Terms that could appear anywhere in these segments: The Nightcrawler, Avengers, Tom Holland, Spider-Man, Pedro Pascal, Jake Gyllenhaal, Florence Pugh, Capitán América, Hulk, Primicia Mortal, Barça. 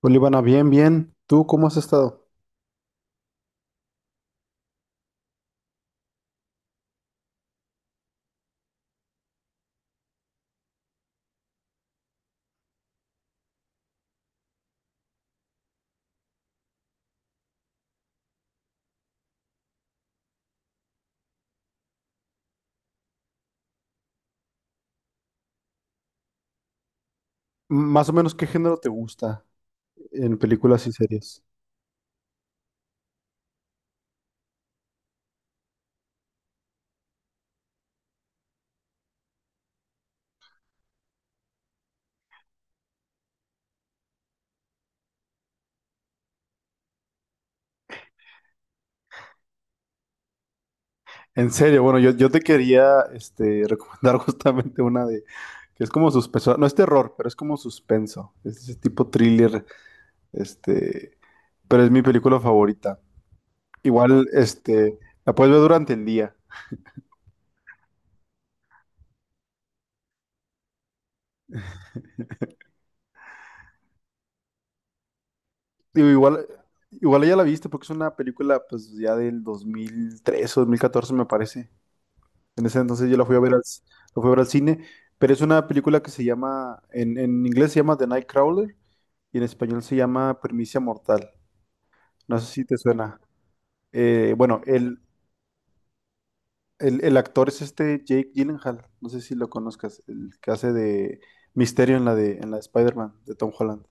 Olivana, bien, bien. ¿Tú cómo has estado? Más o menos, ¿qué género te gusta en películas y series? En serio, bueno, yo te quería recomendar justamente una de que es como suspenso, no es terror, pero es como suspenso, es ese tipo thriller, este, pero es mi película favorita. Igual, la puedes ver durante el día. Digo, igual, igual ya la viste porque es una película pues ya del 2013 o 2014 me parece. En ese entonces yo la fui a ver la fui a ver al cine, pero es una película que se llama, en inglés se llama The Nightcrawler y en español se llama Primicia Mortal. No sé si te suena. Bueno, el actor es este Jake Gyllenhaal, no sé si lo conozcas, el que hace de Misterio en la de Spider-Man de Tom Holland.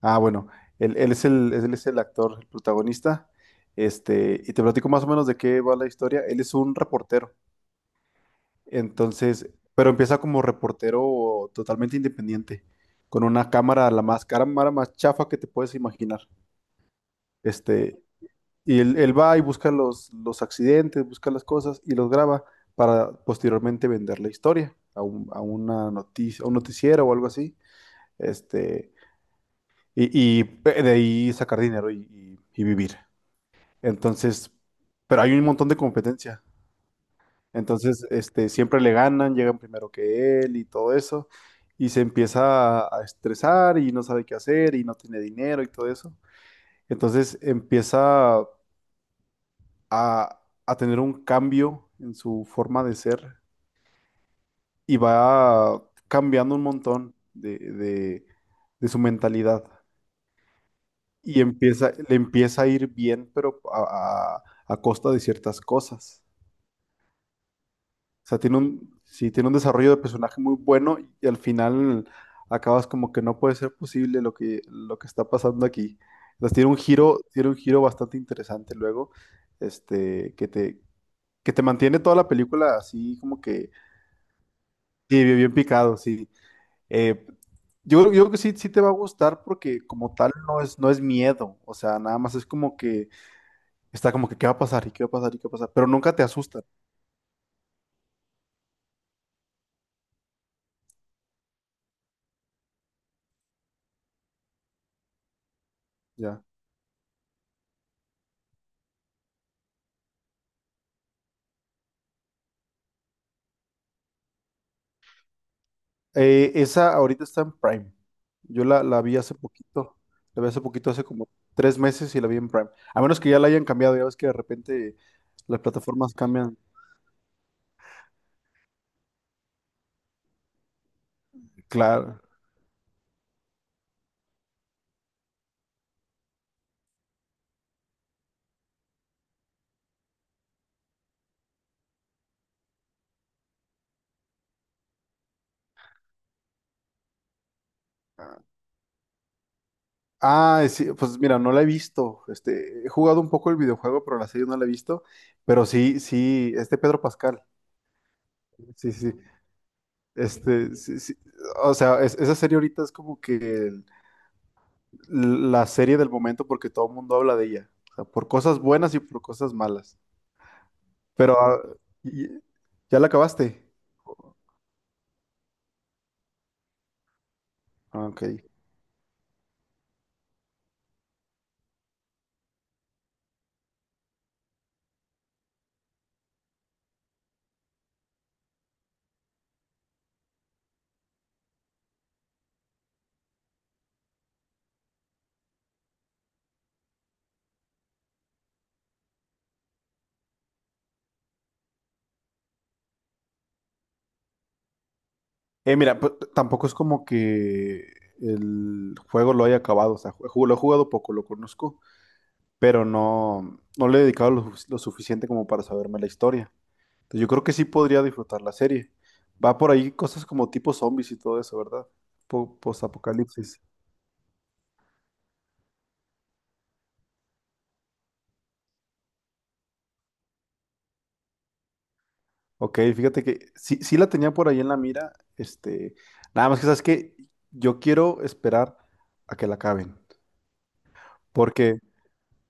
Ah, bueno, él es el actor, el protagonista. Y te platico más o menos de qué va la historia. Él es un reportero. Entonces, pero empieza como reportero totalmente independiente, con una cámara, la más cámara más chafa que te puedes imaginar. Este, y él va y busca los accidentes, busca las cosas y los graba para posteriormente vender la historia a una noticia, a un noticiero o algo así. Este, y de ahí sacar dinero y vivir. Entonces, pero hay un montón de competencia. Entonces, siempre le ganan, llegan primero que él y todo eso, y se empieza a estresar y no sabe qué hacer y no tiene dinero y todo eso. Entonces empieza a tener un cambio en su forma de ser y va cambiando un montón de su mentalidad. Y empieza, le empieza a ir bien, pero a costa de ciertas cosas. O sea, tiene un desarrollo de personaje muy bueno y al final acabas como que no puede ser posible lo que está pasando aquí. Entonces tiene un giro bastante interesante luego, este, que te, que te mantiene toda la película así como que sí, bien, bien picado, sí. Eh, yo creo que sí, sí te va a gustar porque como tal no es, no es miedo, o sea, nada más es como que está como que qué va a pasar y qué va a pasar y qué va a pasar, pero nunca te asustan, ya. Esa ahorita está en Prime. La vi hace poquito. La vi hace poquito, hace como 3 meses y la vi en Prime. A menos que ya la hayan cambiado. Ya ves que de repente las plataformas cambian. Claro. Ah, sí, pues mira, no la he visto. He jugado un poco el videojuego, pero la serie no la he visto. Pero sí, sí, este Pedro Pascal. Sí, sí, sí. Este, sí, sí. O sea, esa serie ahorita es como que la serie del momento porque todo el mundo habla de ella. O sea, por cosas buenas y por cosas malas. Pero ah, y- ya la acabaste. Ah, ok. Mira, pues, tampoco es como que el juego lo haya acabado. O sea, lo he jugado poco, lo conozco, pero no, no le he dedicado lo suficiente como para saberme la historia. Entonces, yo creo que sí podría disfrutar la serie. Va por ahí cosas como tipo zombies y todo eso, ¿verdad? Post-apocalipsis. Ok, fíjate que sí, sí la tenía por ahí en la mira. Nada más que sabes que yo quiero esperar a que la acaben. Porque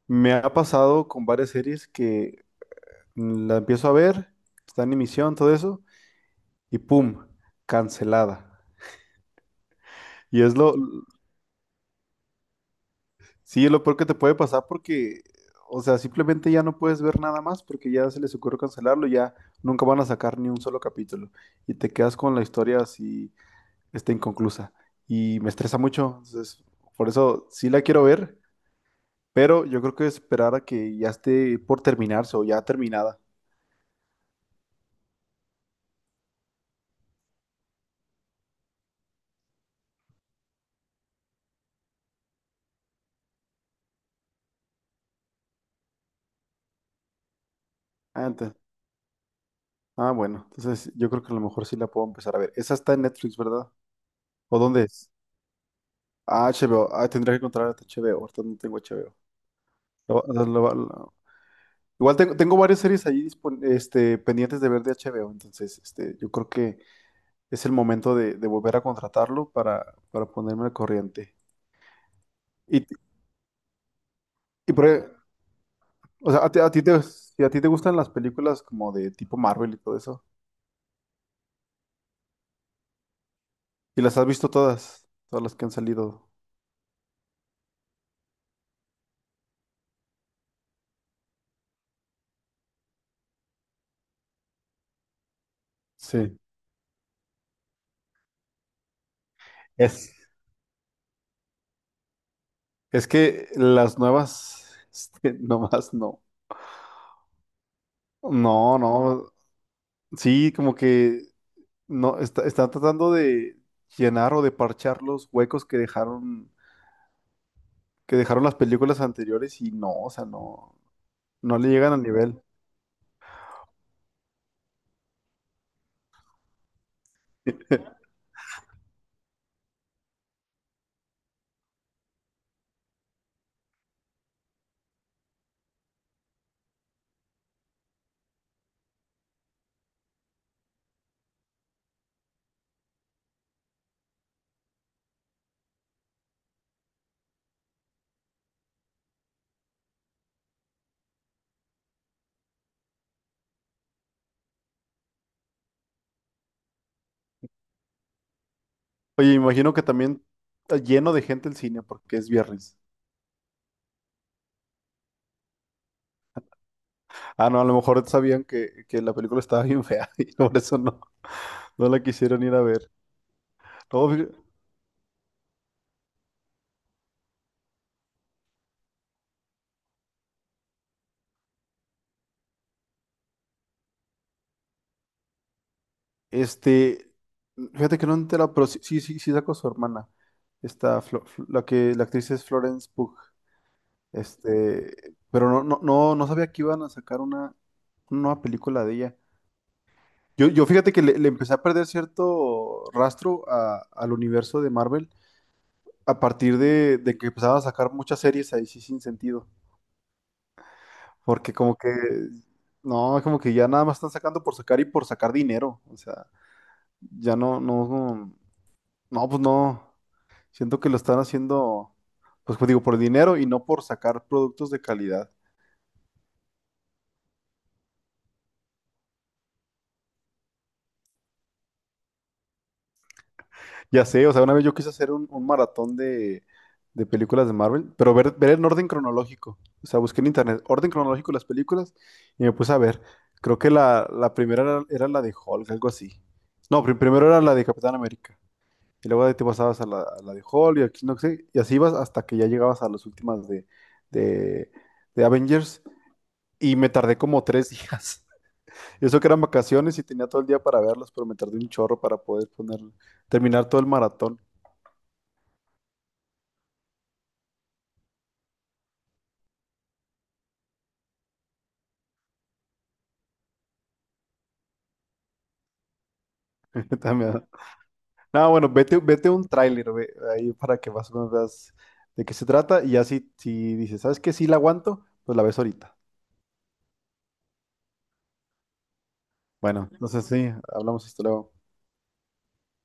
me ha pasado con varias series que la empiezo a ver, está en emisión, todo eso, y ¡pum! Cancelada. Y es lo, sí, es lo peor que te puede pasar porque, o sea, simplemente ya no puedes ver nada más porque ya se les ocurrió cancelarlo, ya nunca van a sacar ni un solo capítulo. Y te quedas con la historia así, está inconclusa. Y me estresa mucho, entonces, por eso sí la quiero ver, pero yo creo que esperar a que ya esté por terminarse o ya terminada. Ah, ente- Ah, bueno, entonces yo creo que a lo mejor sí la puedo empezar a ver. Esa está en Netflix, ¿verdad? ¿O dónde es? Ah, HBO. Ah, tendría que encontrar hasta HBO. Ahorita no tengo HBO. Lo- lo- lo- lo- Igual tengo, tengo varias series ahí pendientes de ver de HBO, entonces yo creo que es el momento de volver a contratarlo para ponerme al corriente. Y, y por e- o sea, si a ti te gustan las películas como de tipo Marvel y todo eso, ¿y las has visto todas? Todas las que han salido. Sí. Es. Es que las nuevas, nomás no. No, no. Sí, como que no está, están tratando de llenar o de parchar los huecos que dejaron las películas anteriores y no, o sea, no, no le llegan al nivel. Oye, imagino que también está lleno de gente el cine porque es viernes. Ah, no, a lo mejor sabían que la película estaba bien fea y por eso no, no la quisieron ir a ver. No, fí- Este, fíjate que no entera, pero sí, sí, sí, sí sacó su hermana. Esta, la actriz es Florence Pugh. Pero no, no, no, no sabía que iban a sacar una nueva película de ella. Yo fíjate que le empecé a perder cierto rastro al universo de Marvel a partir de que empezaban a sacar muchas series ahí sí sin sentido. Porque como que, no, como que ya nada más están sacando por sacar y por sacar dinero. O sea, ya no, no, no, no, pues no. Siento que lo están haciendo, pues como digo, por dinero y no por sacar productos de calidad. Ya sé, o sea, una vez yo quise hacer un maratón de películas de Marvel, pero ver en orden cronológico. O sea, busqué en internet orden cronológico de las películas y me puse a ver. Creo que era la de Hulk, algo así. No, primero era la de Capitán América. Y luego de ahí te pasabas a la de Hulk y aquí no sé. Y así ibas hasta que ya llegabas a las últimas de, de Avengers. Y me tardé como 3 días. Eso que eran vacaciones y tenía todo el día para verlos, pero me tardé un chorro para poder terminar todo el maratón. También. No, bueno, vete, vete un tráiler ahí para que más o menos veas de qué se trata y ya si, si dices, ¿sabes qué? Sí la aguanto, pues la ves ahorita. Bueno, entonces sí, hablamos esto luego.